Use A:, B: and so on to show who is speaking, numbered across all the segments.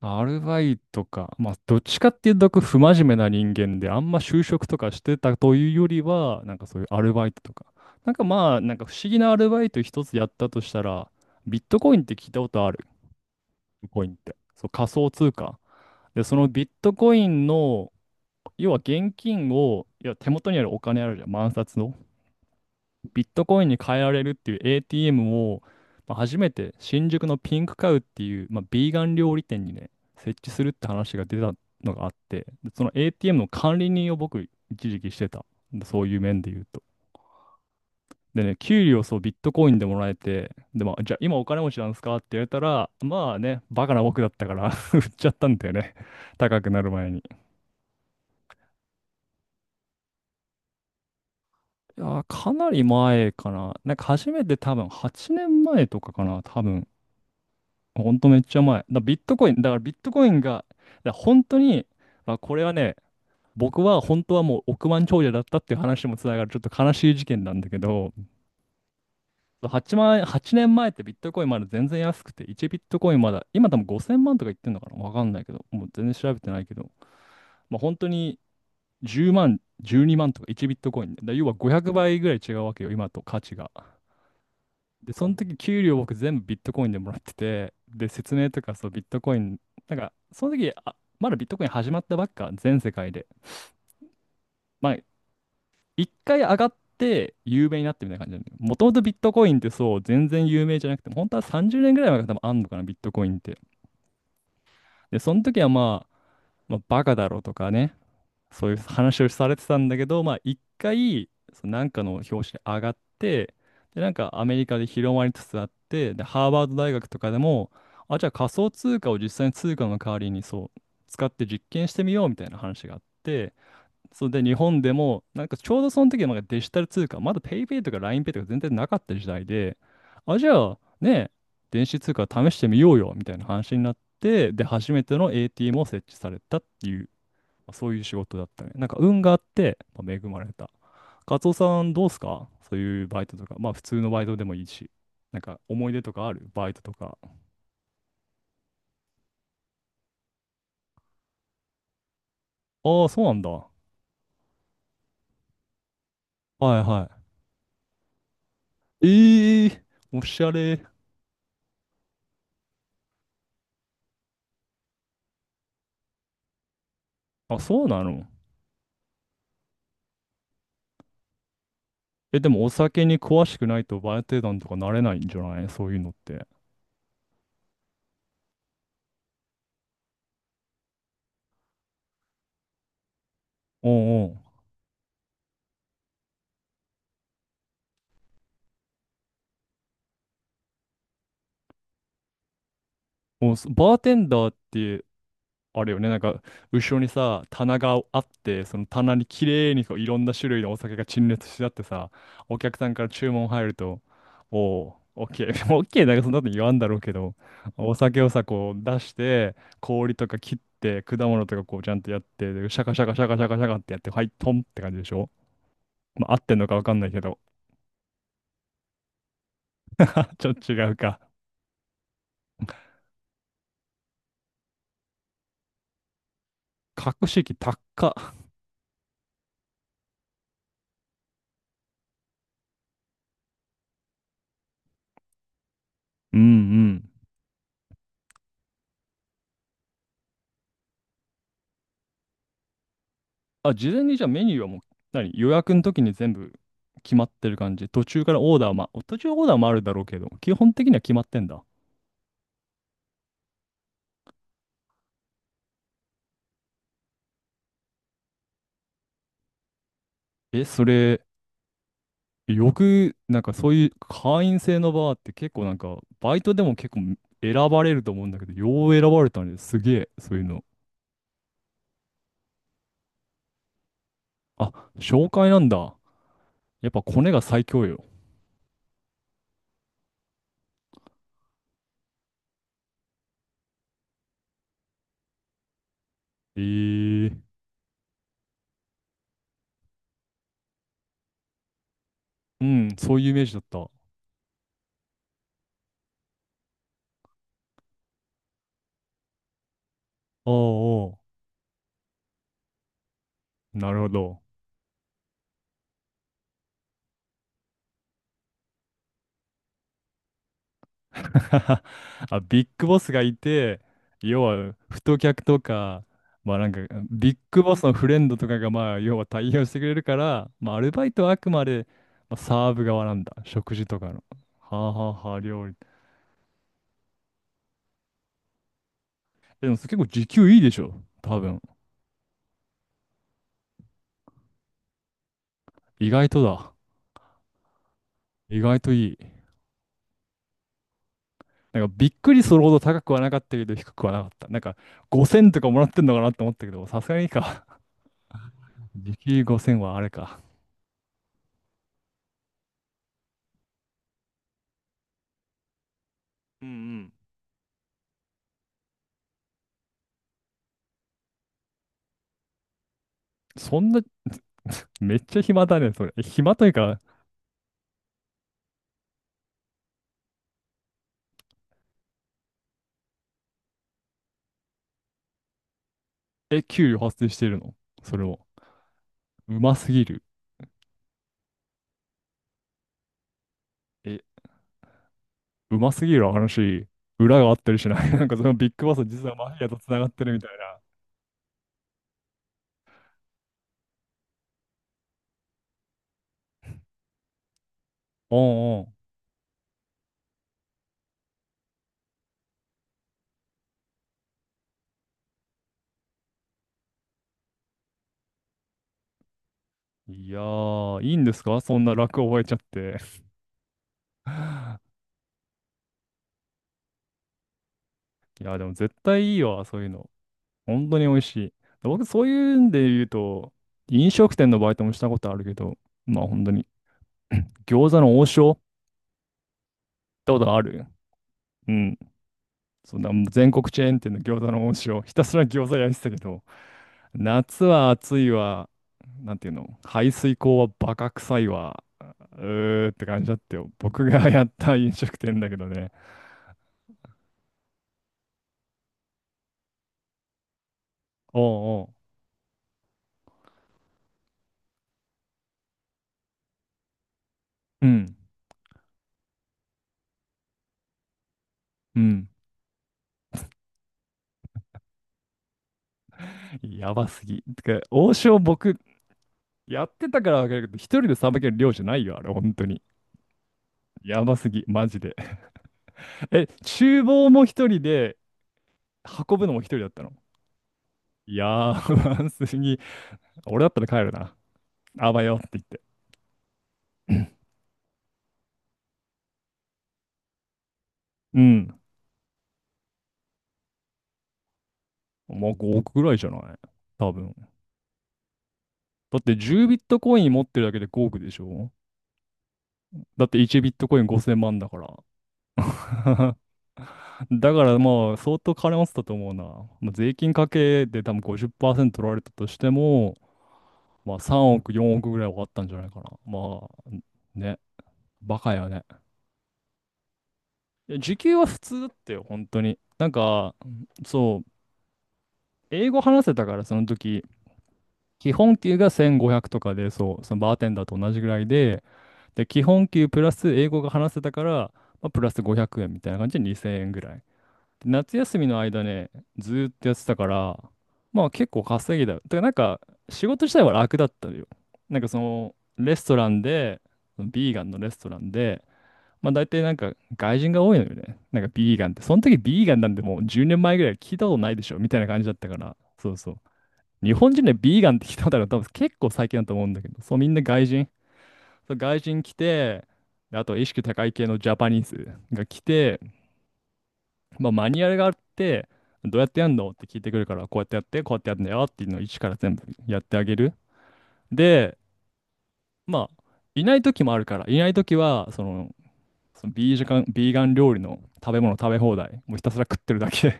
A: アルバイトか。まあ、どっちかっていうと、不真面目な人間で、あんま就職とかしてたというよりは、なんかそういうアルバイトとか。なんかまあ、なんか不思議なアルバイト一つやったとしたら、ビットコインって聞いたことある？ビットコインって。そう、仮想通貨。で、そのビットコインの、要は現金を、いや手元にあるお金あるじゃん。万札の。ビットコインに変えられるっていう ATM を、まあ、初めて新宿のピンクカウっていう、まあ、ビーガン料理店にね、設置するって話が出たのがあって、でその ATM の管理人を僕、一時期してた。でそういう面で言うと。でね、給料そうビットコインでもらえて、で、まあ、じゃあ今お金持ちなんですかって言われたら、まあね、バカな僕だったから 売っちゃったんだよね。高くなる前に。いやー、かなり前かな。なんか初めて多分8年前とかかな、多分。ほんとめっちゃ前。だからビットコインが、だから本当に、まあ、これはね、僕は本当はもう億万長者だったっていう話にもつながるちょっと悲しい事件なんだけど、8万円、年前ってビットコインまだ全然安くて、1ビットコインまだ、今多分5000万とか言ってんのかなわかんないけど、もう全然調べてないけど、まあ、本当に10万、12万とか1ビットコインで、だから要は500倍ぐらい違うわけよ、今と価値が。で、その時給料僕全部ビットコインでもらってて、で、説明とかそうビットコイン、なんかその時、あ、まだビットコイン始まったばっか、全世界で。まあ、一回上がって有名になってみたいな感じなんだよ、もともとビットコインってそう全然有名じゃなくて、本当は30年ぐらい前から多分あんのかな、ビットコインって。で、その時はまあ、まあ、バカだろうとかね、そういう話をされてたんだけど、まあ一回、そのなんかの表紙に上がって、で、なんかアメリカで広まりつつあって、で、ハーバード大学とかでも、あ、じゃあ仮想通貨を実際に通貨の代わりにそう、使って実験してみようみたいな話があって、それで日本でも、なんかちょうどその時はなんかデジタル通貨、まだ PayPay とか LINEPay とか全然なかった時代で、あ、じゃあね、電子通貨試してみようよみたいな話になって、で、初めての ATM を設置されたっていうまあそういう仕事だったね。なんか運があって、まあ、恵まれた。カツオさんどうすかそういうバイトとか。まあ普通のバイトでもいいし。なんか思い出とかあるバイトとか。ああ、そうなんだ。はいはい。ええー、おしゃれ。あ、そうなの？え、でもお酒に詳しくないとバーテンダーとかなれないんじゃない？そういうのって。おうおう。おう、バーテンダーってあるよね。なんか、後ろにさ、棚があって、その棚に綺麗にこういろんな種類のお酒が陳列してあってさ、お客さんから注文入ると、おお、オッケー、オッケーなんかそんなこと言わんだろうけど、お酒をさ、こう出して、氷とか切って、果物とかこうちゃんとやって、でシャカシャカシャカシャカシャカってやって、はい、トンって感じでしょ？まあ、合ってんのかわかんないけど、ちょっと違うか。格式高っ。うんうん。あ、事前にじゃあメニューはもう、何、予約の時に全部決まってる感じ？途中オーダーもあるだろうけど、基本的には決まってんだ。え、それ、よく、なんかそういう会員制のバーって結構なんか、バイトでも結構選ばれると思うんだけど、よう選ばれたね。すげえ、そういうの。あ、紹介なんだ。やっぱコネが最強よ。ええ、うん、そういうイメージだった。ああ、ああ、なるほど。あ、ビッグボスがいて、要は、太客とか、まあなんか、ビッグボスのフレンドとかが、まあ、要は対応してくれるから、まあ、アルバイトはあくまで、まあ、サーブ側なんだ。食事とかの。はあはあはあ、料理。え、でも、それ結構時給いいでしょ。多分。意外とだ。意外といい。なんか、びっくりするほど高くはなかったけど、低くはなかった。なんか、5000とかもらってんのかなって思ったけど、さすがにいいか。時給5000はあれか。うんうん。そんな めっちゃ暇だね、それ。え、暇というか、え、給料発生してるの？それも。うますぎる。え、うますぎる話、裏があったりしない？ なんかそのビッグバス実はマフィアと繋がってるみたいな。うんうん。いやー、いいんですか、そんな楽覚えちゃって。いや、でも絶対いいわ、そういうの。本当に美味しい。で僕、そういうんで言うと、飲食店のバイトもしたことあるけど、まあ本当に、餃子の王将行ったことある？うん。そんなもう全国チェーン店の餃子の恩師をひたすら餃子焼いてたけど、夏は暑いわ、なんていうの、排水口はバカ臭いわ、うーって感じだったよ。僕がやった飲食店だけどね。おうおう。うん、うん。やばすぎ。てか、王将僕、やってたからわかるけど、一人でさばける量じゃないよ、あれ、本当に。やばすぎ、マジで。え、厨房も一人で、運ぶのも一人だったの？やばすぎ。俺だったら帰るな。あばよって言って。うん。まあ5億ぐらいじゃない？多分。だって10ビットコイン持ってるだけで5億でしょ？だって1ビットコイン5000万だから。だからまあ相当金持ってたと思うな。まあ、税金かけで多分50%取られたとしても、まあ3億、4億ぐらいはあったんじゃないかな。まあね、バカよね。いや時給は普通だったよ、本当に。なんか、そう、英語話せたからその時、基本給が1500とかで、そう、そのバーテンダーと同じぐらいで、で、基本給プラス英語が話せたから、まあ、プラス500円みたいな感じで2000円ぐらい。で夏休みの間ね、ずーっとやってたから、まあ結構稼ぎだよ。だからなんか仕事自体は楽だったのよ。なんかそのレストランで、ビーガンのレストランで、まあ大体なんか外人が多いのよね。なんかビーガンって。その時ビーガンなんてもう10年前ぐらい聞いたことないでしょみたいな感じだったから。そうそう。日本人でビーガンって聞いたことあるの多分結構最近だと思うんだけど、そうみんな外人。そう外人来て、であと意識高い系のジャパニーズが来て、まあ、マニュアルがあって、どうやってやんのって聞いてくるから、こうやってやって、こうやってやるんだよっていうのを一から全部やってあげる。で、まあ、いない時もあるから、いない時は、その、ビーガン料理の食べ物食べ放題、もうひたすら食ってるだけ。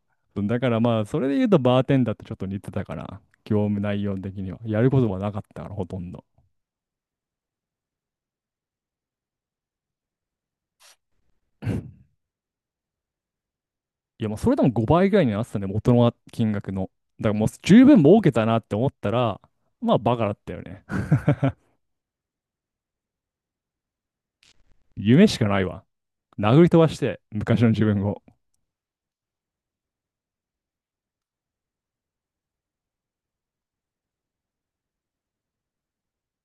A: だからまあ、それで言うとバーテンダーってちょっと似てたから、業務内容的には。やることはなかったから、ほとんど。いや、もうそれでも5倍ぐらいになってたね、元の金額の。だからもう十分儲けたなって思ったら、まあバカだったよね。夢しかないわ。殴り飛ばして、昔の自分を。